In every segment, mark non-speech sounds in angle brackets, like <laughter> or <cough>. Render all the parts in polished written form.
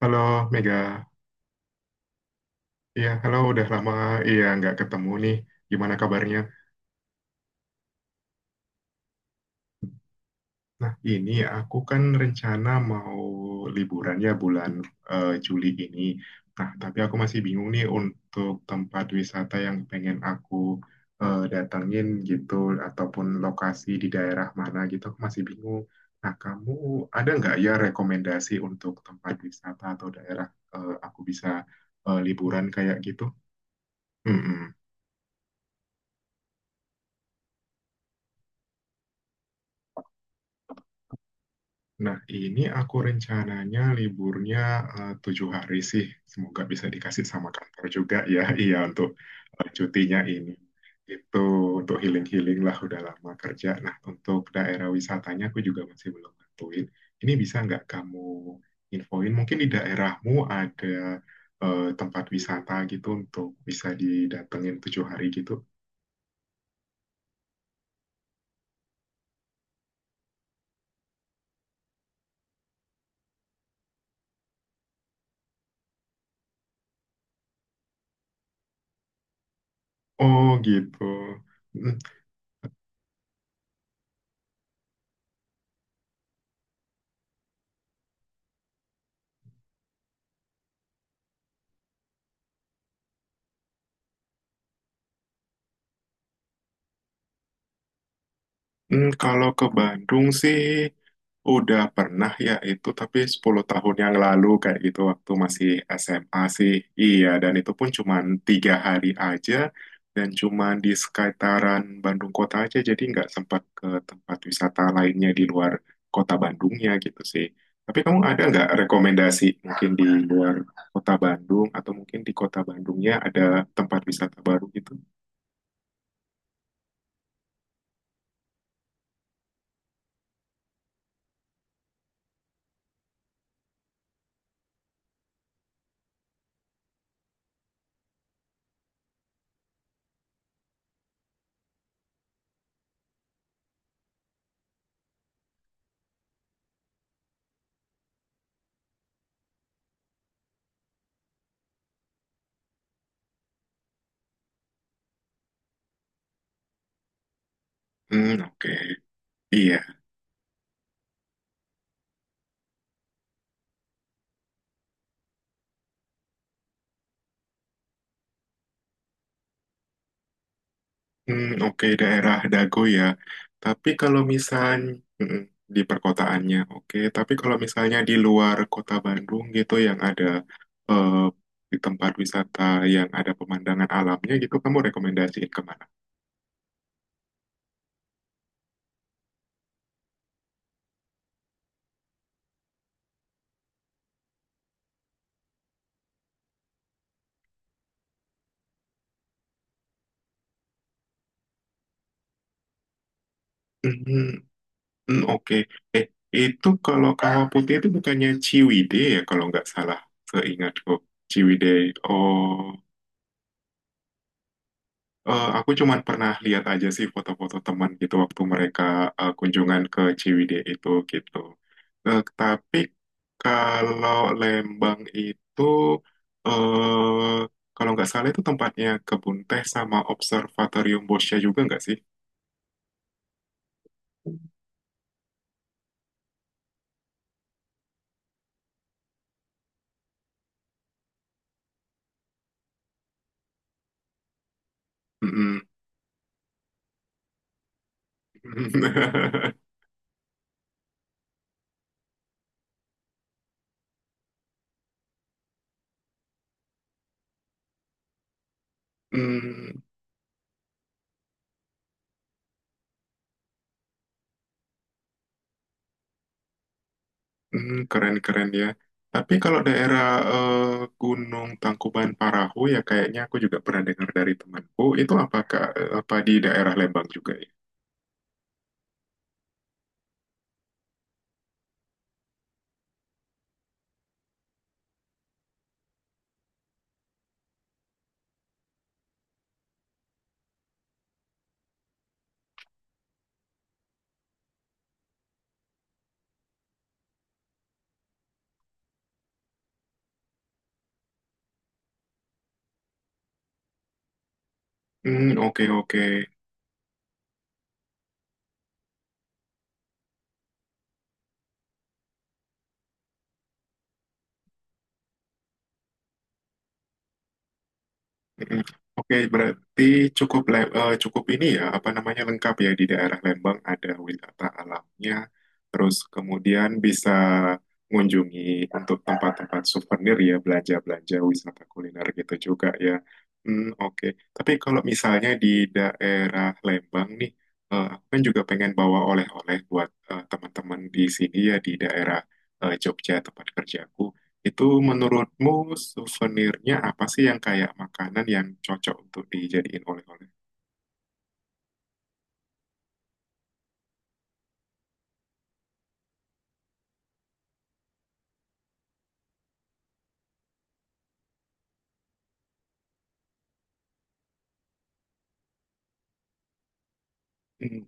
Halo Mega, iya halo udah lama iya nggak ketemu nih, gimana kabarnya? Nah ini aku kan rencana mau liburan ya bulan Juli ini. Nah tapi aku masih bingung nih untuk tempat wisata yang pengen aku datengin gitu ataupun lokasi di daerah mana gitu aku masih bingung. Nah kamu ada nggak ya rekomendasi untuk tempat wisata atau daerah aku bisa liburan kayak gitu? Mm-mm. Nah, ini aku rencananya liburnya tujuh hari sih. Semoga bisa dikasih sama kantor juga <laughs> ya. Iya, untuk cutinya ini. Itu untuk healing-healing lah udah lama kerja. Nah, untuk daerah wisatanya aku juga masih belum nentuin. Ini bisa nggak kamu infoin? Mungkin di daerahmu ada tempat wisata gitu untuk bisa didatengin tujuh hari gitu. Oh gitu. Hmm, kalau ke Bandung sih udah pernah ya itu, tapi 10 tahun yang lalu kayak gitu waktu masih SMA sih. Iya, dan itu pun cuman tiga hari aja dan cuman di sekitaran Bandung kota aja jadi nggak sempat ke tempat wisata lainnya di luar kota Bandungnya gitu sih. Tapi kamu ada nggak rekomendasi mungkin di luar kota Bandung atau mungkin di kota Bandungnya ada tempat wisata baru gitu? Hmm, oke. Iya, hmm, oke, daerah Dago ya. Tapi kalau misalnya di perkotaannya, oke. Tapi kalau misalnya di luar kota Bandung gitu yang ada eh, di tempat wisata yang ada pemandangan alamnya gitu, kamu rekomendasiin kemana? Hmm, hmm, oke. Eh, itu kalau kawah putih itu bukannya Ciwidey ya kalau nggak salah, seingatku. Ciwidey. Oh. Aku cuman pernah lihat aja sih foto-foto teman gitu waktu mereka kunjungan ke Ciwidey itu gitu. Tapi kalau Lembang itu eh kalau nggak salah itu tempatnya kebun teh sama observatorium Boscha juga nggak sih? Mm-mm. <laughs> Hmm, hmm, keren-keren ya. Tapi kalau daerah eh, Gunung Tangkuban Parahu ya kayaknya aku juga pernah dengar dari temanku. Itu apakah apa di daerah Lembang juga? Hmm, oke oke. Mm, oke, berarti cukup ini ya, apa namanya, lengkap ya di daerah Lembang ada wisata alamnya, terus kemudian bisa mengunjungi untuk tempat-tempat souvenir ya, belanja-belanja wisata kuliner gitu juga ya. Hmm, oke. Tapi kalau misalnya di daerah Lembang nih, aku kan juga pengen bawa oleh-oleh buat eh, teman-teman di sini ya di daerah Jogja tempat kerjaku. Itu menurutmu souvenirnya apa sih yang kayak makanan yang cocok untuk dijadiin oleh-oleh? Hmm,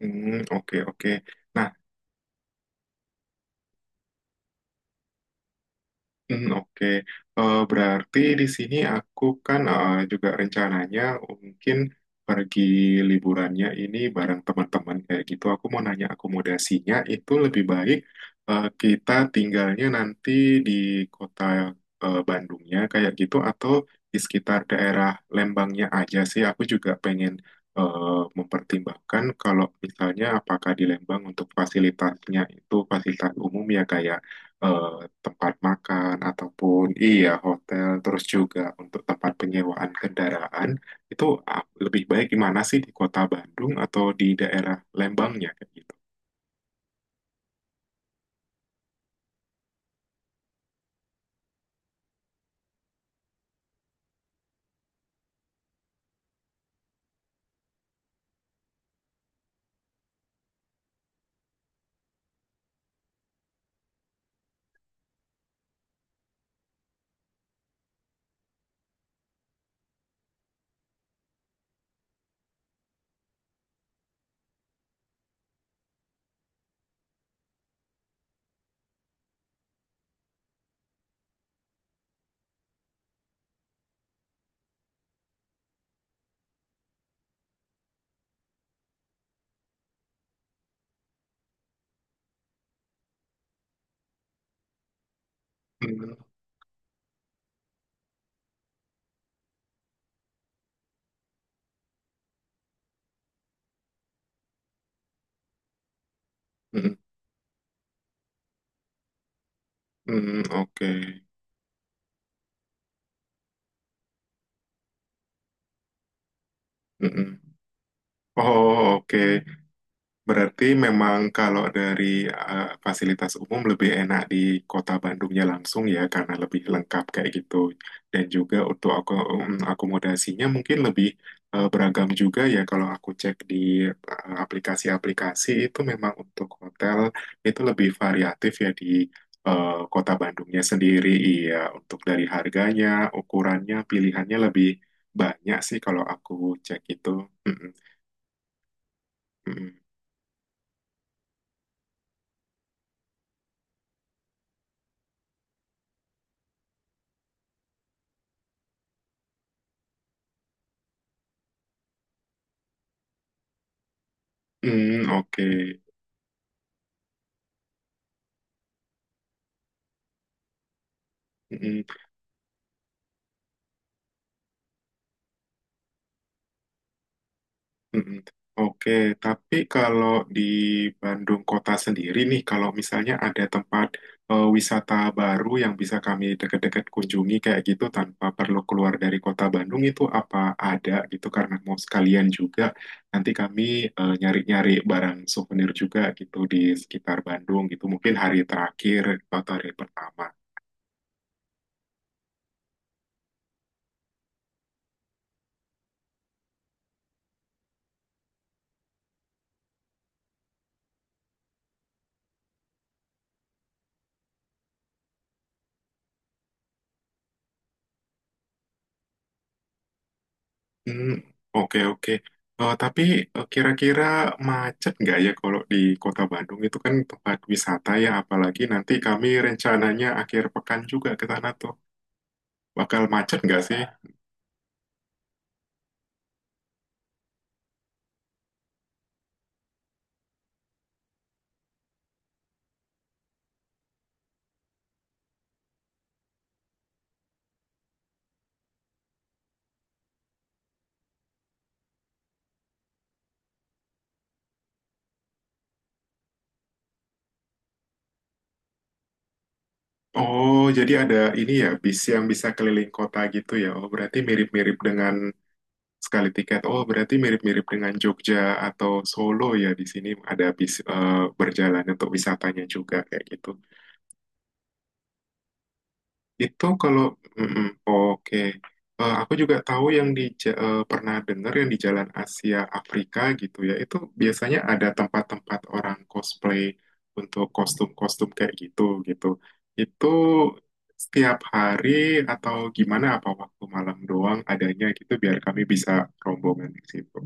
hmm, oke oke. Nah, hmm, oke. Berarti di sini aku kan eh, juga rencananya mungkin pergi liburannya ini bareng teman-teman kayak gitu. Aku mau nanya akomodasinya itu lebih baik kita tinggalnya nanti di kota Bandungnya kayak gitu atau di sekitar daerah Lembangnya aja sih. Aku juga pengen mempertimbangkan kalau misalnya apakah di Lembang untuk fasilitasnya itu fasilitas umum ya kayak eh, tempat makan ataupun iya hotel terus juga untuk tempat penyewaan kendaraan itu lebih baik di mana sih, di kota Bandung atau di daerah Lembangnya kayak gitu. Hmm, hmm, hmm, oke. Hmm, hmm. Oh, oke. Berarti memang kalau dari fasilitas umum lebih enak di kota Bandungnya langsung ya karena lebih lengkap kayak gitu, dan juga untuk aku akomodasinya mungkin lebih beragam juga ya kalau aku cek di aplikasi-aplikasi itu memang untuk hotel itu lebih variatif ya di eh, kota Bandungnya sendiri, iya untuk dari harganya, ukurannya, pilihannya lebih banyak sih kalau aku cek itu. Mm-mm, mm-mm. Hmm, oke. Mm-mm, mm-mm. Oke, tapi kalau di Bandung kota sendiri nih, kalau misalnya ada tempat wisata baru yang bisa kami deket-deket kunjungi kayak gitu tanpa perlu keluar dari kota Bandung, itu apa ada gitu karena mau sekalian juga nanti kami nyari-nyari barang souvenir juga gitu di sekitar Bandung gitu mungkin hari terakhir atau hari pertama. Hmm, oke oke. Tapi kira-kira macet nggak ya kalau di Kota Bandung itu kan tempat wisata ya, apalagi nanti kami rencananya akhir pekan juga ke sana tuh. Bakal macet nggak sih? Oh, jadi ada ini ya bis yang bisa keliling kota gitu ya. Oh, berarti mirip-mirip dengan sekali tiket. Oh, berarti mirip-mirip dengan Jogja atau Solo ya. Di sini ada bis berjalan untuk wisatanya juga kayak gitu. Itu kalau mm-mm, oke. Eh, aku juga tahu yang pernah dengar yang di Jalan Asia Afrika gitu ya. Itu biasanya ada tempat-tempat orang cosplay untuk kostum-kostum kayak gitu gitu. Itu setiap hari atau gimana, apa waktu malam doang adanya gitu biar kami bisa rombongan di situ.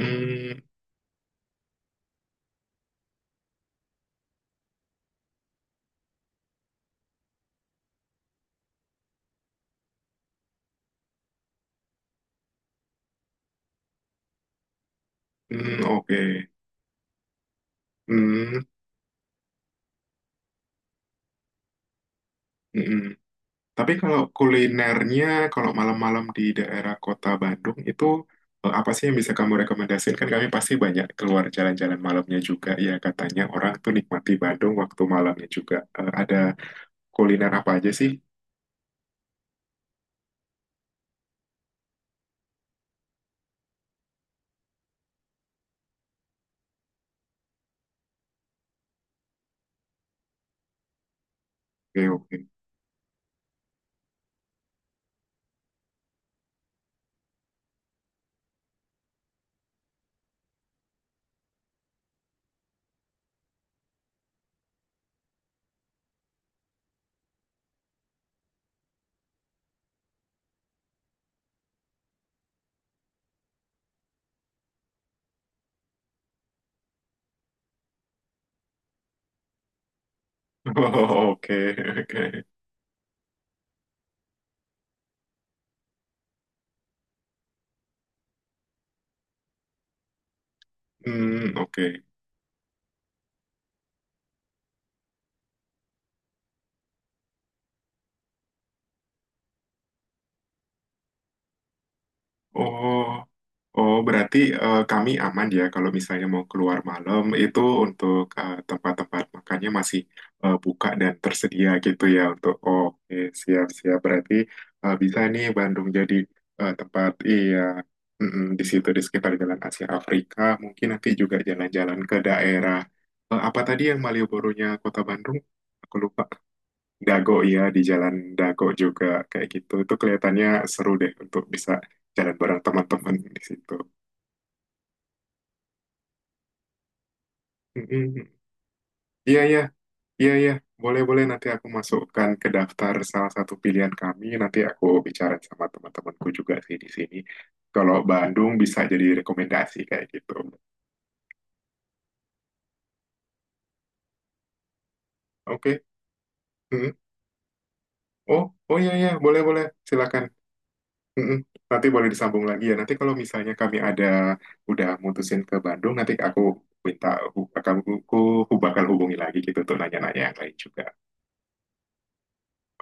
Hmm, hmm, oke. Hmm, mm-mm. Tapi kalau kulinernya, kalau malam-malam di daerah kota Bandung itu apa sih yang bisa kamu rekomendasikan? Kan kami pasti banyak keluar jalan-jalan malamnya juga. Ya katanya orang tuh nikmati Bandung waktu malamnya juga. Eh, ada kuliner apa aja sih? Oke, oke. <laughs> Oh, oke, oke. Hmm, oke. Oh, oh berarti kami aman ya kalau misalnya mau keluar malam itu untuk tempat-tempat makannya masih buka dan tersedia gitu ya untuk oh, oke, siap-siap berarti bisa nih Bandung jadi eh, tempat iya mm-mm, di situ di sekitar Jalan Asia Afrika mungkin nanti juga jalan-jalan ke daerah apa tadi yang Malioboro-nya Kota Bandung aku lupa, Dago ya, di jalan Dago juga kayak gitu itu kelihatannya seru deh untuk bisa jalan bareng teman-teman di situ. Mm-mm. Iya iya iya iya boleh boleh, nanti aku masukkan ke daftar salah satu pilihan kami, nanti aku bicara sama teman-temanku juga sih di sini. Kalau Bandung bisa jadi rekomendasi kayak gitu. Oke. Mm-mm. Oh oh iya iya boleh boleh silakan. Mm-mm. Nanti boleh disambung lagi ya. Nanti kalau misalnya kami ada udah mutusin ke Bandung, nanti aku minta hu- kamu ku, ku bakal hubungi lagi gitu untuk nanya-nanya yang lain juga.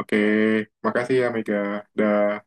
Oke, makasih ya Mega. Dah.